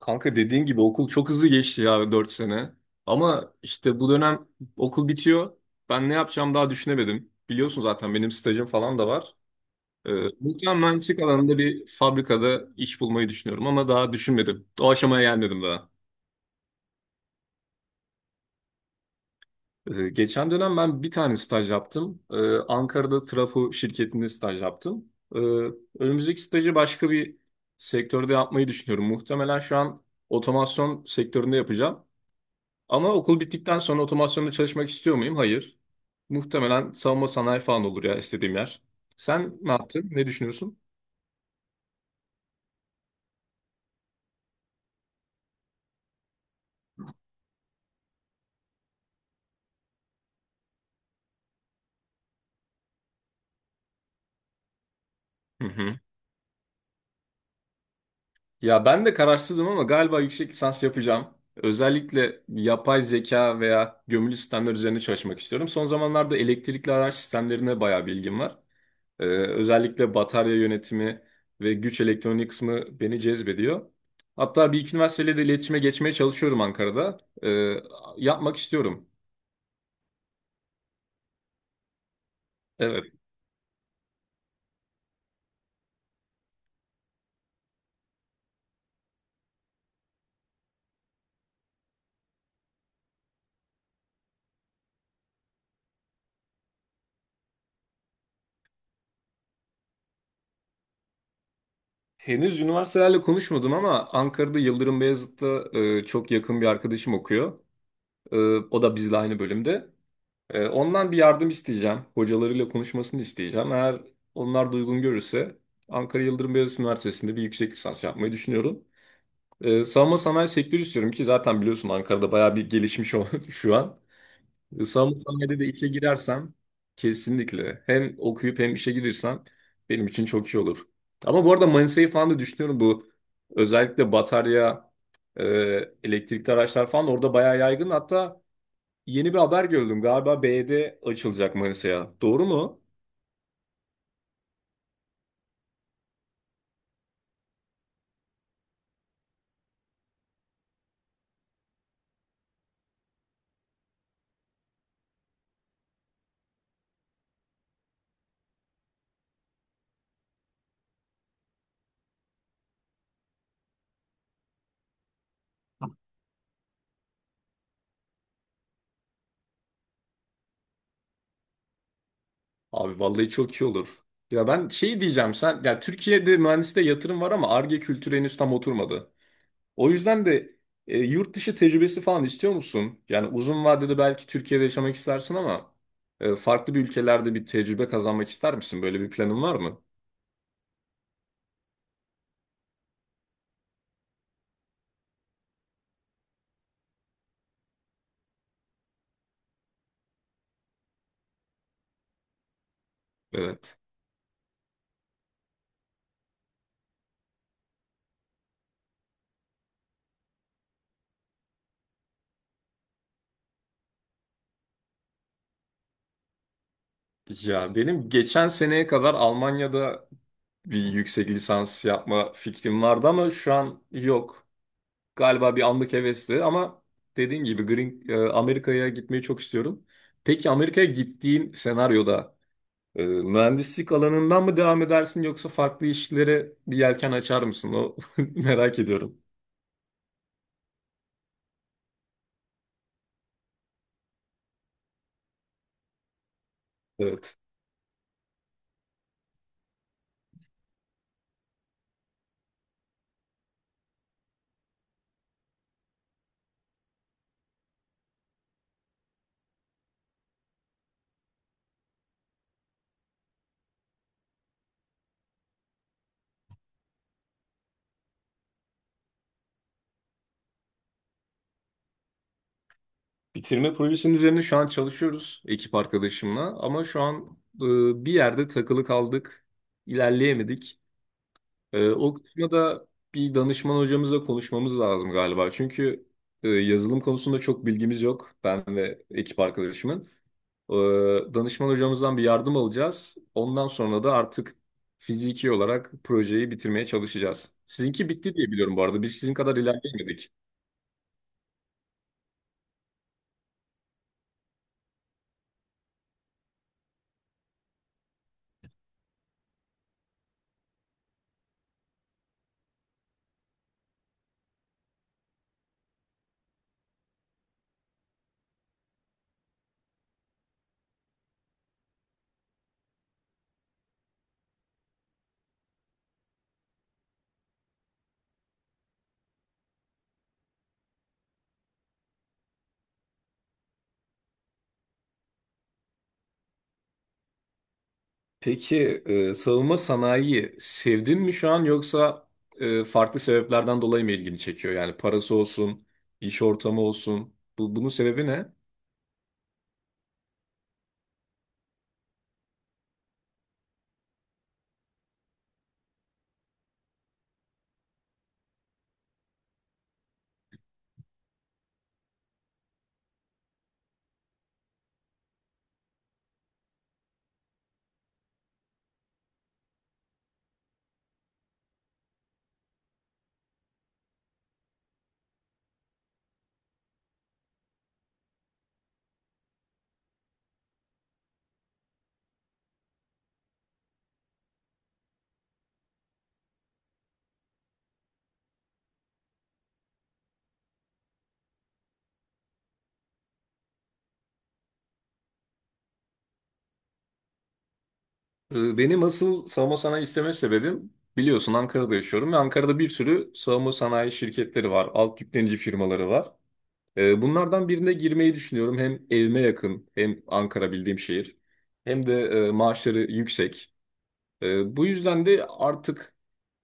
Kanka dediğin gibi okul çok hızlı geçti ya 4 sene. Ama işte bu dönem okul bitiyor. Ben ne yapacağım daha düşünemedim. Biliyorsun zaten benim stajım falan da var. Ee, Muhtemelen mühendislik alanında bir fabrikada iş bulmayı düşünüyorum ama daha düşünmedim. O aşamaya gelmedim daha. Geçen dönem ben bir tane staj yaptım. Ankara'da trafo şirketinde staj yaptım. Ee, Önümüzdeki stajı başka bir sektörde yapmayı düşünüyorum. Muhtemelen şu an otomasyon sektöründe yapacağım. Ama okul bittikten sonra otomasyonda çalışmak istiyor muyum? Hayır. Muhtemelen savunma sanayi falan olur ya istediğim yer. Sen ne yaptın? Ne düşünüyorsun? Hı hı. Ya ben de kararsızım ama galiba yüksek lisans yapacağım. Özellikle yapay zeka veya gömülü sistemler üzerine çalışmak istiyorum. Son zamanlarda elektrikli araç sistemlerine bayağı bilgim var. Özellikle batarya yönetimi ve güç elektronik kısmı beni cezbediyor. Hatta bir iki üniversiteyle de iletişime geçmeye çalışıyorum Ankara'da. Ee, Yapmak istiyorum. Evet. Henüz üniversitelerle konuşmadım ama Ankara'da Yıldırım Beyazıt'ta çok yakın bir arkadaşım okuyor. E, O da bizle aynı bölümde. Ondan bir yardım isteyeceğim. Hocalarıyla konuşmasını isteyeceğim. Eğer onlar da uygun görürse Ankara Yıldırım Beyazıt Üniversitesi'nde bir yüksek lisans yapmayı düşünüyorum. Savunma sanayi sektörü istiyorum ki zaten biliyorsun Ankara'da bayağı bir gelişmiş oldu şu an. Savunma sanayide de işe girersem kesinlikle hem okuyup hem işe girirsem benim için çok iyi olur. Ama bu arada Manisa'yı falan da düşünüyorum bu özellikle batarya, e, elektrikli araçlar falan orada bayağı yaygın. Hatta yeni bir haber gördüm galiba BD açılacak Manisa'ya. Doğru mu? Abi vallahi çok iyi olur. Ya ben şey diyeceğim sen ya Türkiye'de mühendisliğe yatırım var ama Ar-Ge kültürü henüz tam oturmadı. O yüzden de yurt dışı tecrübesi falan istiyor musun? Yani uzun vadede belki Türkiye'de yaşamak istersin ama farklı bir ülkelerde bir tecrübe kazanmak ister misin? Böyle bir planın var mı? Evet. Ya benim geçen seneye kadar Almanya'da bir yüksek lisans yapma fikrim vardı ama şu an yok. Galiba bir anlık hevesti ama dediğin gibi Green, Amerika'ya gitmeyi çok istiyorum. Peki Amerika'ya gittiğin senaryoda mühendislik alanından mı devam edersin yoksa farklı işlere bir yelken açar mısın? O merak ediyorum. Evet. Bitirme projesinin üzerine şu an çalışıyoruz ekip arkadaşımla ama şu an bir yerde takılı kaldık, ilerleyemedik. O kısmı da bir danışman hocamızla konuşmamız lazım galiba. Çünkü yazılım konusunda çok bilgimiz yok. Ben ve ekip arkadaşımın. Ee, Danışman hocamızdan bir yardım alacağız. Ondan sonra da artık fiziki olarak projeyi bitirmeye çalışacağız. Sizinki bitti diye biliyorum bu arada. Biz sizin kadar ilerleyemedik. Peki savunma sanayiyi sevdin mi şu an yoksa farklı sebeplerden dolayı mı ilgini çekiyor? Yani parası olsun, iş ortamı olsun. Bu, bunun sebebi ne? Benim asıl savunma sanayi isteme sebebim biliyorsun Ankara'da yaşıyorum ve Ankara'da bir sürü savunma sanayi şirketleri var, alt yüklenici firmaları var. Bunlardan birine girmeyi düşünüyorum. Hem evime yakın, hem Ankara bildiğim şehir, hem de maaşları yüksek. Bu yüzden de artık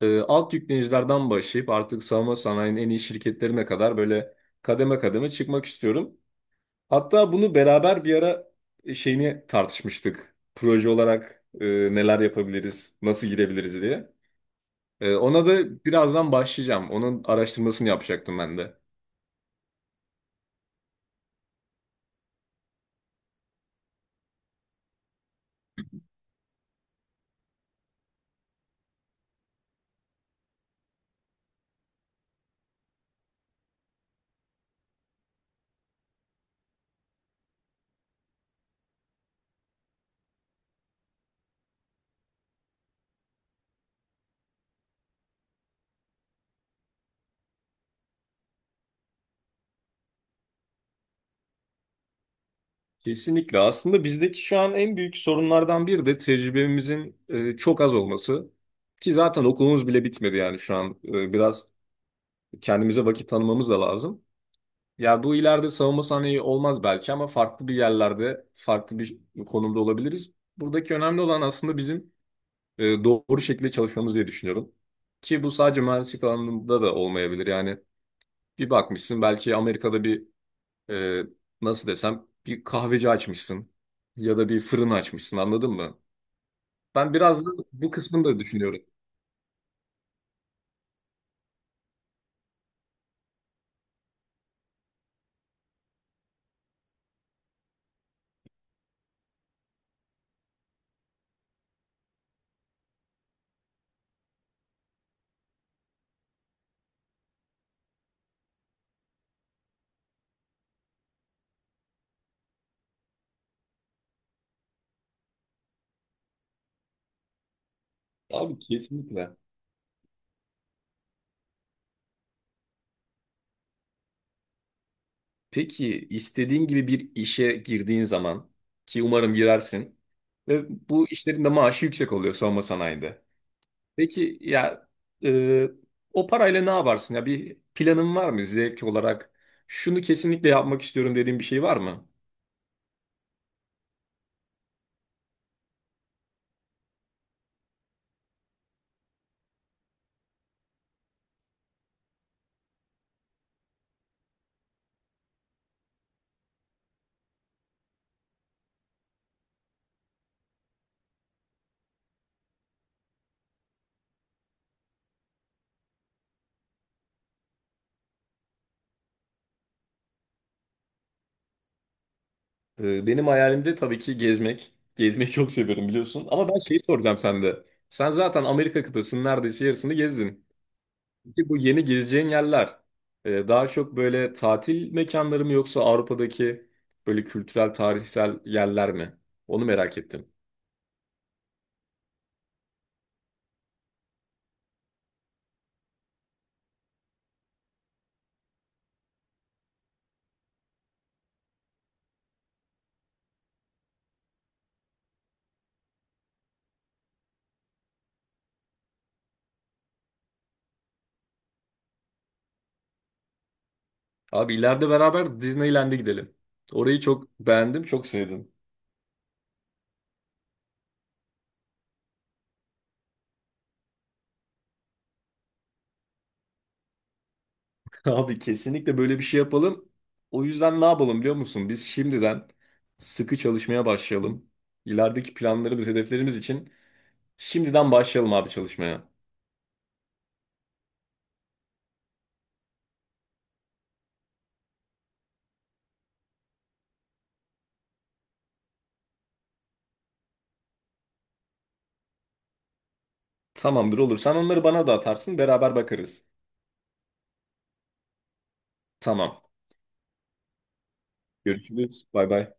alt yüklenicilerden başlayıp artık savunma sanayinin en iyi şirketlerine kadar böyle kademe kademe çıkmak istiyorum. Hatta bunu beraber bir ara şeyini tartışmıştık. Proje olarak neler yapabiliriz, nasıl girebiliriz diye. Ona da birazdan başlayacağım. Onun araştırmasını yapacaktım ben de. Kesinlikle. Aslında bizdeki şu an en büyük sorunlardan biri de tecrübemizin çok az olması. Ki zaten okulumuz bile bitmedi yani şu an. Biraz kendimize vakit tanımamız da lazım. Ya bu ileride savunma sanayi olmaz belki ama farklı bir yerlerde, farklı bir konumda olabiliriz. Buradaki önemli olan aslında bizim doğru şekilde çalışmamız diye düşünüyorum. Ki bu sadece mühendislik alanında da olmayabilir. Yani bir bakmışsın belki Amerika'da bir e, nasıl desem bir kahveci açmışsın ya da bir fırın açmışsın anladın mı? Ben biraz da bu kısmını da düşünüyorum. Abi kesinlikle. Peki istediğin gibi bir işe girdiğin zaman ki umarım girersin ve bu işlerin de maaşı yüksek oluyor savunma sanayide. Peki ya e, o parayla ne yaparsın? Ya bir planın var mı zevk olarak? Şunu kesinlikle yapmak istiyorum dediğin bir şey var mı? Benim hayalimde tabii ki gezmek. Gezmeyi çok seviyorum biliyorsun. Ama ben şeyi soracağım sende. Sen zaten Amerika kıtasının neredeyse yarısını gezdin. Peki bu yeni gezeceğin yerler daha çok böyle tatil mekanları mı yoksa Avrupa'daki böyle kültürel, tarihsel yerler mi? Onu merak ettim. Abi ileride beraber Disneyland'e gidelim. Orayı çok beğendim, çok sevdim. Abi kesinlikle böyle bir şey yapalım. O yüzden ne yapalım biliyor musun? Biz şimdiden sıkı çalışmaya başlayalım. İlerideki planlarımız, hedeflerimiz için şimdiden başlayalım abi çalışmaya. Tamamdır olur. Sen onları bana da atarsın, beraber bakarız. Tamam. Görüşürüz. Bay bay.